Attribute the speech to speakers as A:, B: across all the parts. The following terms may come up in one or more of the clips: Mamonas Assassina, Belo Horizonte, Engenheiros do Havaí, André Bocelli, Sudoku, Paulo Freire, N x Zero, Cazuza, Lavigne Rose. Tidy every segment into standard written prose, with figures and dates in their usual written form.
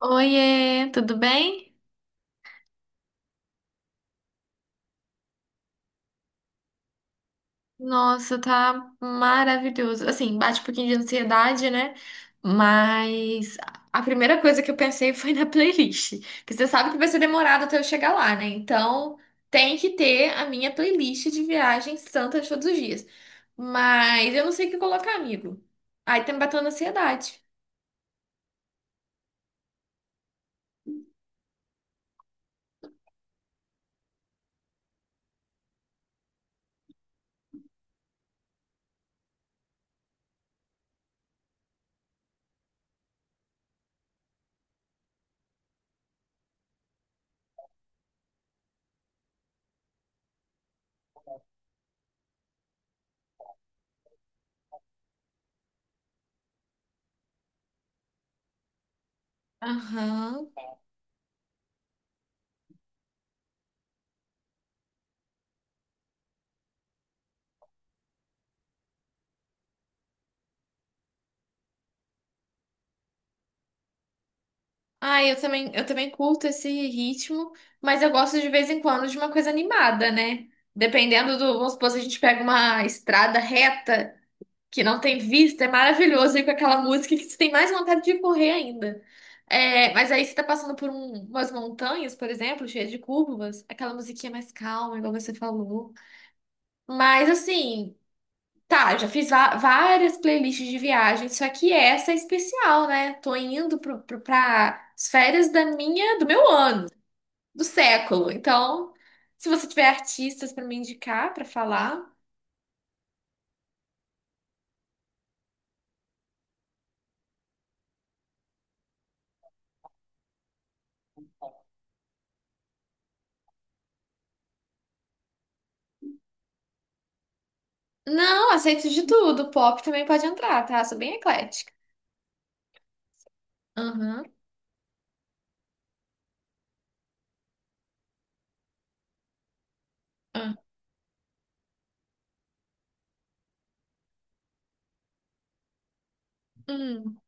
A: Oiê, tudo bem? Nossa, tá maravilhoso. Assim, bate um pouquinho de ansiedade, né? Mas a primeira coisa que eu pensei foi na playlist. Porque você sabe que vai ser demorado até eu chegar lá, né? Então, tem que ter a minha playlist de viagens santas todos os dias. Mas eu não sei o que colocar, amigo. Aí tá me batendo ansiedade. Aham. Ah, eu também curto esse ritmo, mas eu gosto de vez em quando de uma coisa animada, né? Dependendo do, vamos supor, se a gente pega uma estrada reta que não tem vista, é maravilhoso ir com aquela música que você tem mais vontade de correr ainda. É, mas aí você tá passando por umas montanhas, por exemplo, cheias de curvas, aquela musiquinha mais calma, igual você falou. Mas assim, tá, eu já fiz várias playlists de viagem, só que essa é especial, né? Tô indo pra as férias da minha, do meu ano, do século. Então, se você tiver artistas pra me indicar, pra falar. Não, aceito de tudo. Pop também pode entrar, tá? Sou bem eclética. Aham. Ah, hum.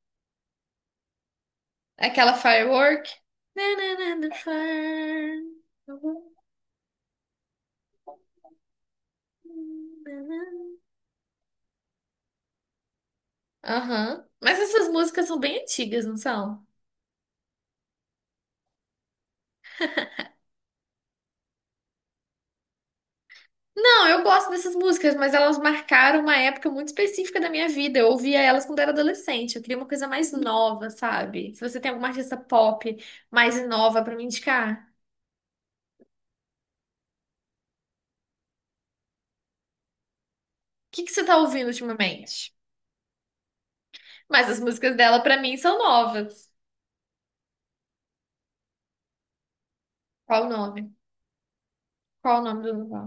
A: Aquela firework. Nanana, the firework. Aham. Mas essas músicas são bem antigas, não são? Não, eu gosto dessas músicas, mas elas marcaram uma época muito específica da minha vida. Eu ouvia elas quando era adolescente. Eu queria uma coisa mais nova, sabe? Se você tem alguma artista pop mais nova pra me indicar, o que que você tá ouvindo ultimamente? Mas as músicas dela pra mim são novas. Qual o nome? Qual o nome do lugar?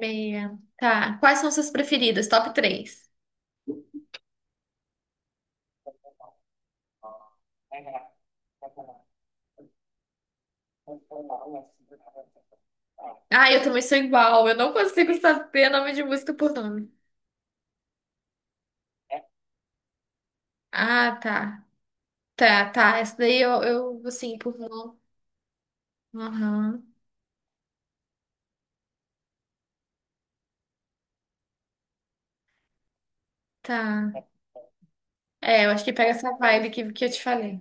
A: Meia. Tá. Quais são suas preferidas? Top três. Ah, eu também sou igual. Eu não consigo saber nome de música por nome. Ah, tá. Tá, tá. Essa daí eu assim, por nome. Aham. Tá. É, eu acho que pega essa vibe que eu te falei.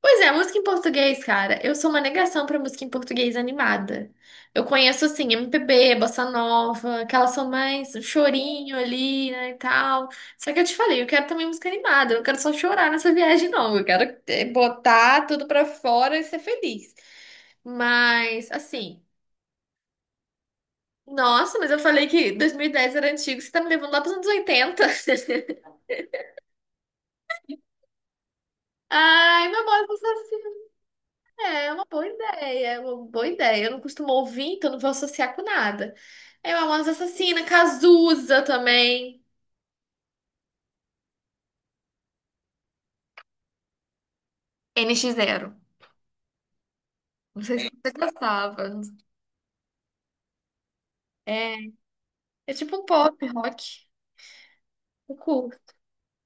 A: Pois é, música em português, cara. Eu sou uma negação pra música em português animada. Eu conheço, assim, MPB, bossa nova, que elas são mais um chorinho ali, né, e tal. Só que eu te falei, eu quero também música animada. Eu não quero só chorar nessa viagem, não. Eu quero botar tudo pra fora e ser feliz. Mas, assim, nossa, mas eu falei que 2010 era antigo. Você tá me levando lá pros anos 80. Ai, meu amor, é é uma boa ideia, é uma boa ideia. Eu não costumo ouvir, então não vou associar com nada. É uma Amante Assassina, Cazuza também. N x Zero. Não sei se você gostava. É, é tipo um pop rock. Eu curto.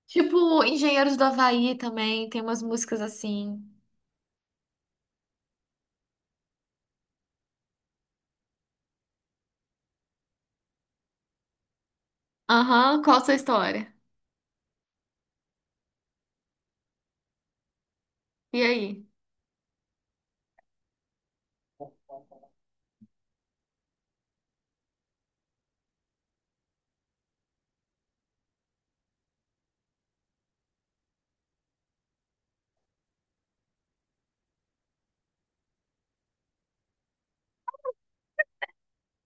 A: Tipo Engenheiros do Havaí também, tem umas músicas assim. Aham, qual a sua história? E aí?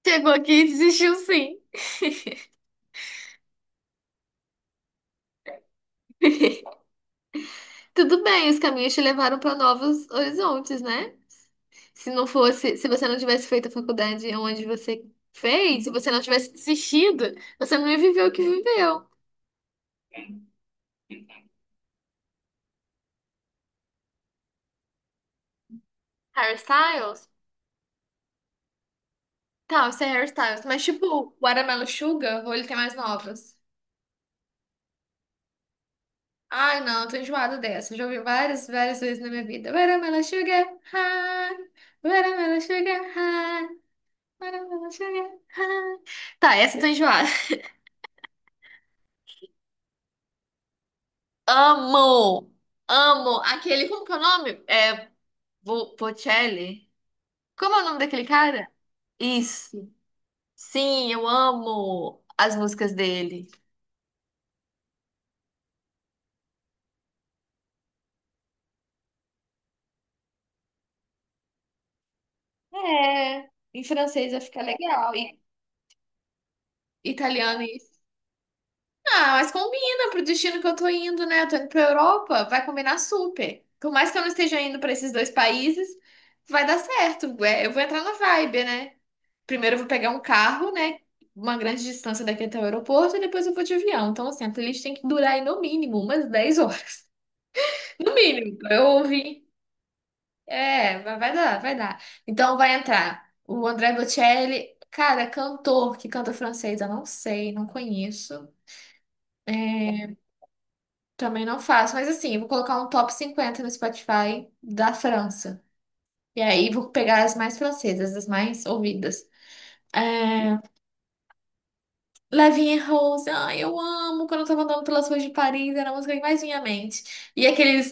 A: Chegou aqui e desistiu sim. Tudo bem, os caminhos te levaram para novos horizontes, né? Se não fosse, se você não tivesse feito a faculdade onde você fez, se você não tivesse desistido, você não ia viver o que viveu. Hairstyles? Tá, isso é hairstyles. Mas tipo, Watermelon Sugar, ou ele tem mais novas? Ai, não, tô enjoada dessa. Já ouvi várias, várias vezes na minha vida. Watermelon Sugar, high. Watermelon Sugar, high. Watermelon Sugar, high. Tá, essa eu tô enjoada. Amo! Amo! Aquele, como que é o nome? É, Bocelli? Como é o nome daquele cara? Isso. Sim, eu amo as músicas dele. É, em francês vai ficar legal. E italiano e. Ah, mas combina pro destino que eu tô indo, né? Eu tô indo pra Europa, vai combinar super. Por mais que eu não esteja indo pra esses dois países, vai dar certo. É, eu vou entrar na vibe, né? Primeiro eu vou pegar um carro, né? Uma grande distância daqui até o aeroporto e depois eu vou de avião. Então, assim, a playlist tem que durar aí no mínimo umas 10 horas. No mínimo, pra eu ouvir. É, vai dar, vai dar. Então vai entrar o André Bocelli, cara, cantor que canta francês, eu não sei, não conheço. Também não faço, mas assim, eu vou colocar um top 50 no Spotify da França. E aí vou pegar as mais francesas, as mais ouvidas. É... Lavigne Rose, ai, eu amo quando eu tava andando pelas ruas de Paris, era a música que mais vinha à mente. E aquele.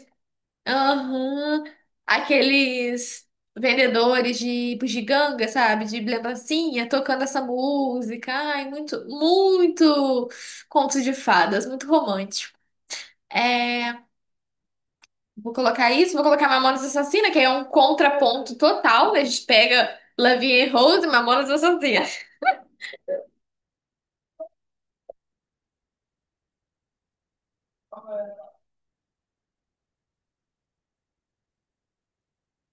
A: Aham. Aqueles vendedores de bugiganga, sabe? De lembrancinha, tocando essa música. Ai, muito, muito conto de fadas, muito romântico. É, vou colocar isso, vou colocar Mamonas Assassina, que é um contraponto total, né? A gente pega Love and Rose e Mamonas Assassina.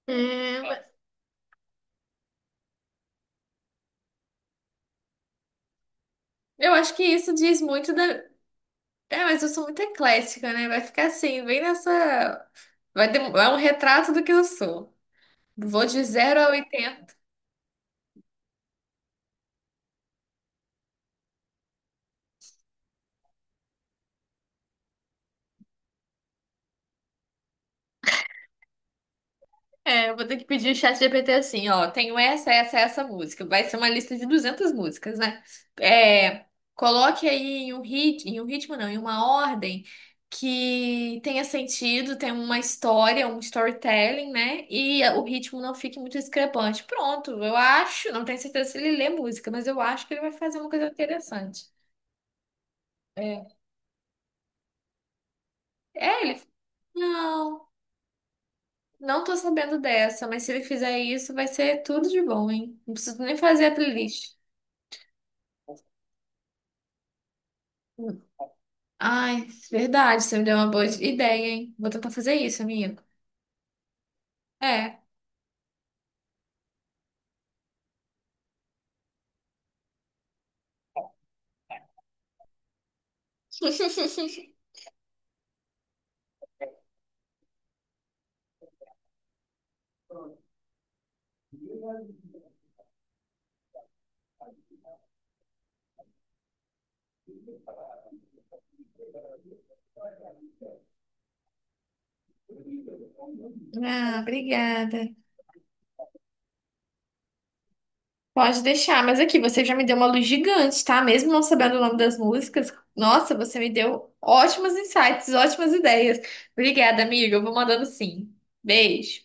A: É, mas eu acho que isso diz muito da. É, mas eu sou muito eclética, né? Vai ficar assim, bem nessa. É um retrato do que eu sou. Vou de 0 a 80. É, eu vou ter que pedir o chat GPT assim, ó. Tenho essa, essa, essa música. Vai ser uma lista de 200 músicas, né? É, coloque aí em um ritmo não, em uma ordem que tenha sentido, tenha uma história, um storytelling, né? E o ritmo não fique muito discrepante. Pronto, eu acho, não tenho certeza se ele lê música, mas eu acho que ele vai fazer uma coisa interessante. É, é ele. Não. Não tô sabendo dessa, mas se ele fizer isso, vai ser tudo de bom, hein? Não preciso nem fazer a playlist. Hum. Ai, verdade, você me deu uma boa ideia, hein? Vou tentar fazer isso, amigo. É. Ah, obrigada. Pode deixar, mas aqui você já me deu uma luz gigante, tá? Mesmo não sabendo o nome das músicas, nossa, você me deu ótimos insights, ótimas ideias. Obrigada, amiga. Eu vou mandando sim. Beijo.